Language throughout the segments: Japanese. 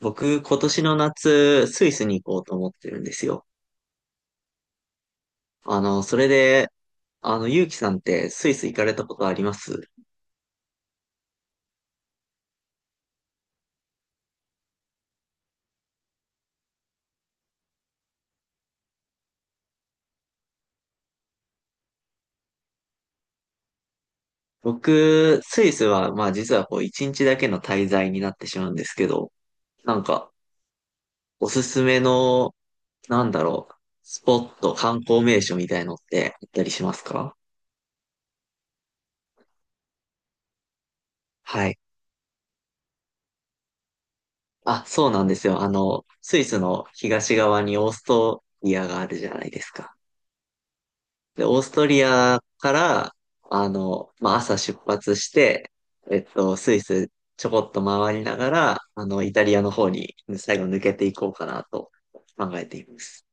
僕、今年の夏、スイスに行こうと思ってるんですよ。それで、ゆうきさんってスイス行かれたことあります？僕、スイスは、まあ実はこう、一日だけの滞在になってしまうんですけど、なんか、おすすめの、なんだろう、スポット、観光名所みたいのってあったりしますか？はい。あ、そうなんですよ。スイスの東側にオーストリアがあるじゃないですか。で、オーストリアから、まあ、朝出発して、スイスちょこっと回りながら、イタリアの方に最後抜けていこうかなと考えています。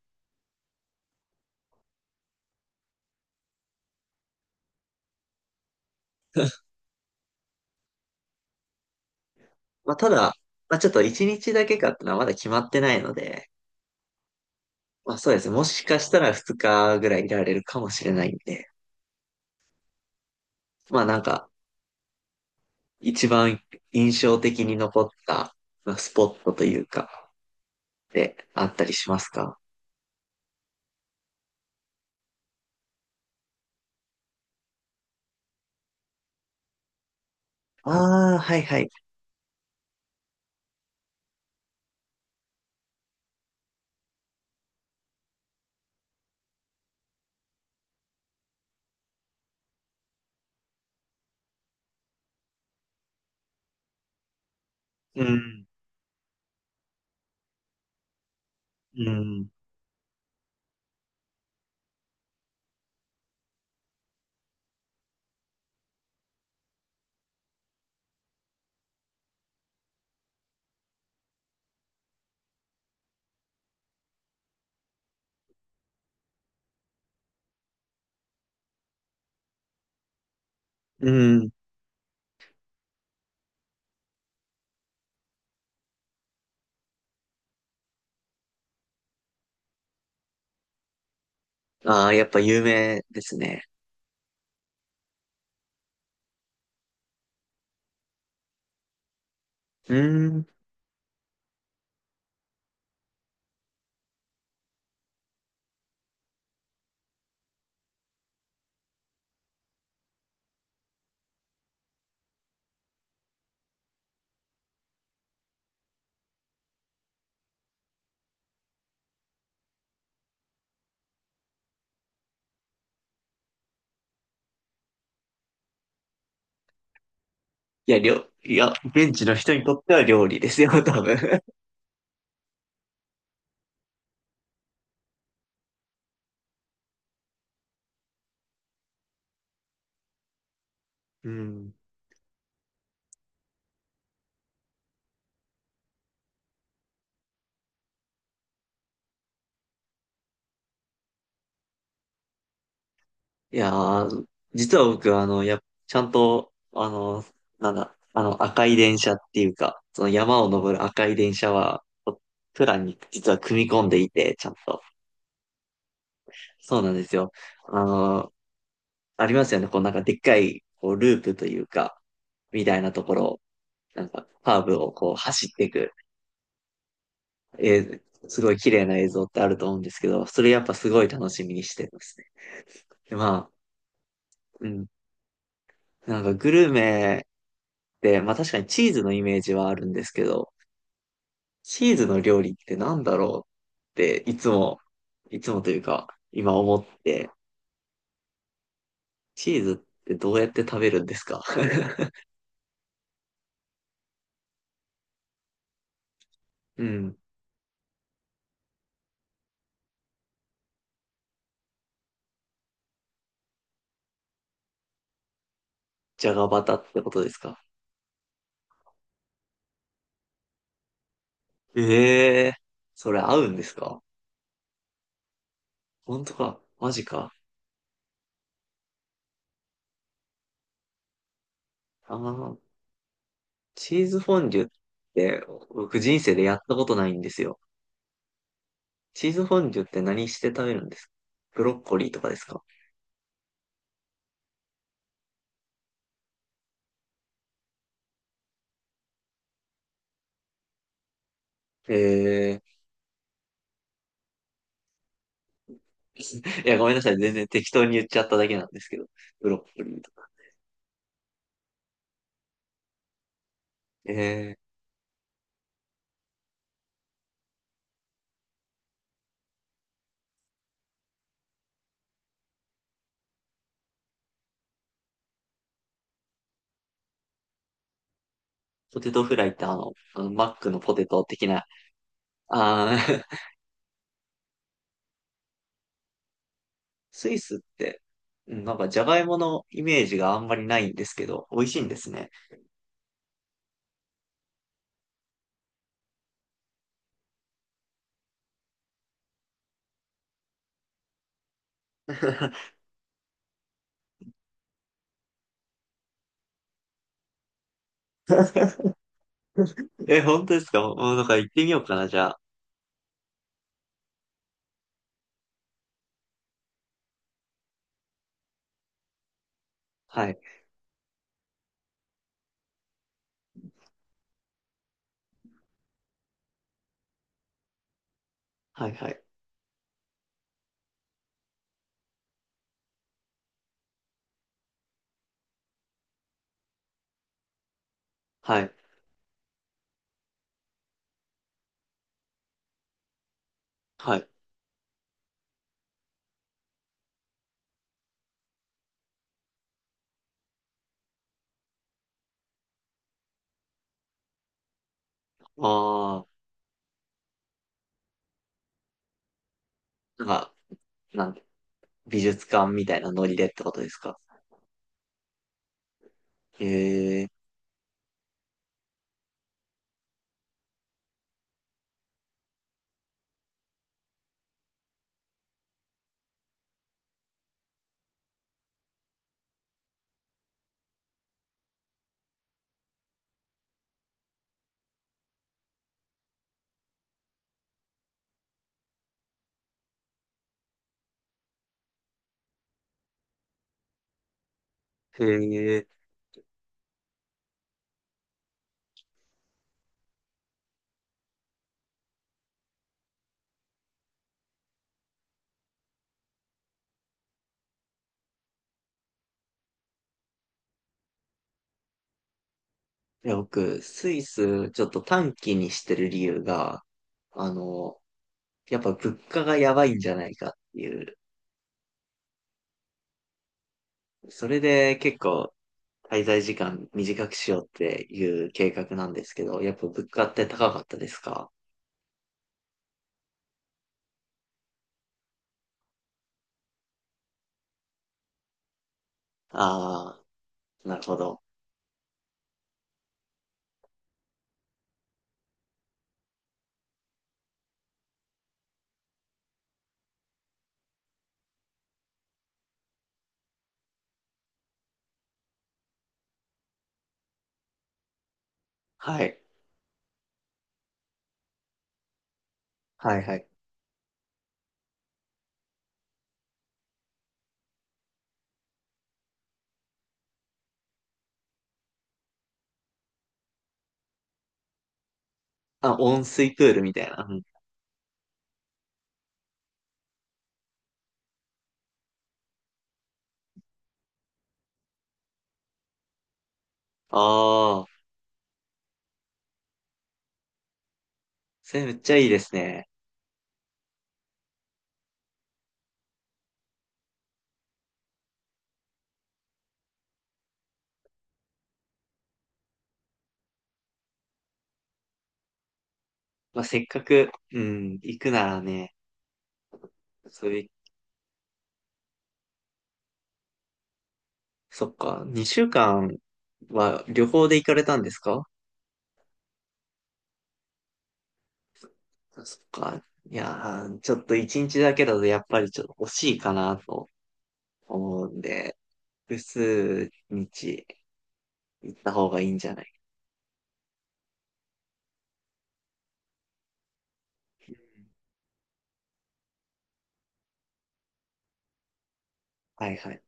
まあ、ただ、まあ、ちょっと1日だけかってのはまだ決まってないので、まあ、そうですね。もしかしたら2日ぐらいいられるかもしれないんで、まあ、なんか、一番印象的に残った、まあスポットというか、で、あったりしますか？ああー、はいはい。うん、うん。うん。ああ、やっぱ有名ですね。うん。いや、現地の人にとっては料理ですよ、多分。うん。いやー、実は僕、ちゃんと、あの、なんだ、あの、赤い電車っていうか、その山を登る赤い電車は、プランに実は組み込んでいて、ちゃんと。そうなんですよ。あの、ありますよね。こう、なんかでっかい、こう、ループというか、みたいなところを、なんか、カーブをこう、走っていく。えーすごい綺麗な映像ってあると思うんですけど、それやっぱすごい楽しみにしてますね。で、まあ、うん。なんかグルメって、まあ確かにチーズのイメージはあるんですけど、チーズの料理ってなんだろうっていつも、いつもというか、今思って、チーズってどうやって食べるんですか？ うん。じゃがバタってことですか？ええー、それ合うんですか？本当かマジか？ああ、チーズフォンデュって僕人生でやったことないんですよ。チーズフォンデュって何して食べるんですか？ブロッコリーとかですか？えー、いや、ごめんなさい。全然適当に言っちゃっただけなんですけど。ブロッコリーとか。えー、ポテトフライってあの、あのマックのポテト的な、あー、スイスって、うん、なんかジャガイモのイメージがあんまりないんですけど、美味しいんですね。え、本当ですか？もうなんか行ってみようかな、じゃあ。はい。はい、はい。はい。はい。ああ、なんか、なんか美術館みたいなノリでってことですか？へえ、へえ。いや、僕、スイスちょっと短期にしてる理由が、あの、やっぱ物価がやばいんじゃないかっていう、それで結構滞在時間短くしようっていう計画なんですけど、やっぱ物価って高かったですか？ああー、なるほど。はい。はいはい。あ、温水プールみたいな。うん、ああ、それめっちゃいいですね。まあ、せっかく、うん、行くならね、そういう、そっか、2週間は旅行で行かれたんですか？そっか、いやー、ちょっと1日だけだとやっぱりちょっと惜しいかなと思うんで、複数日行った方がいいんじゃない？うん、はいはい。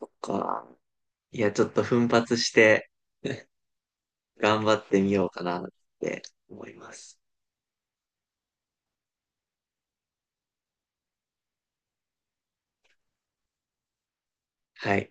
そっか、いや、ちょっと奮発して 頑張ってみようかなって思います。はい。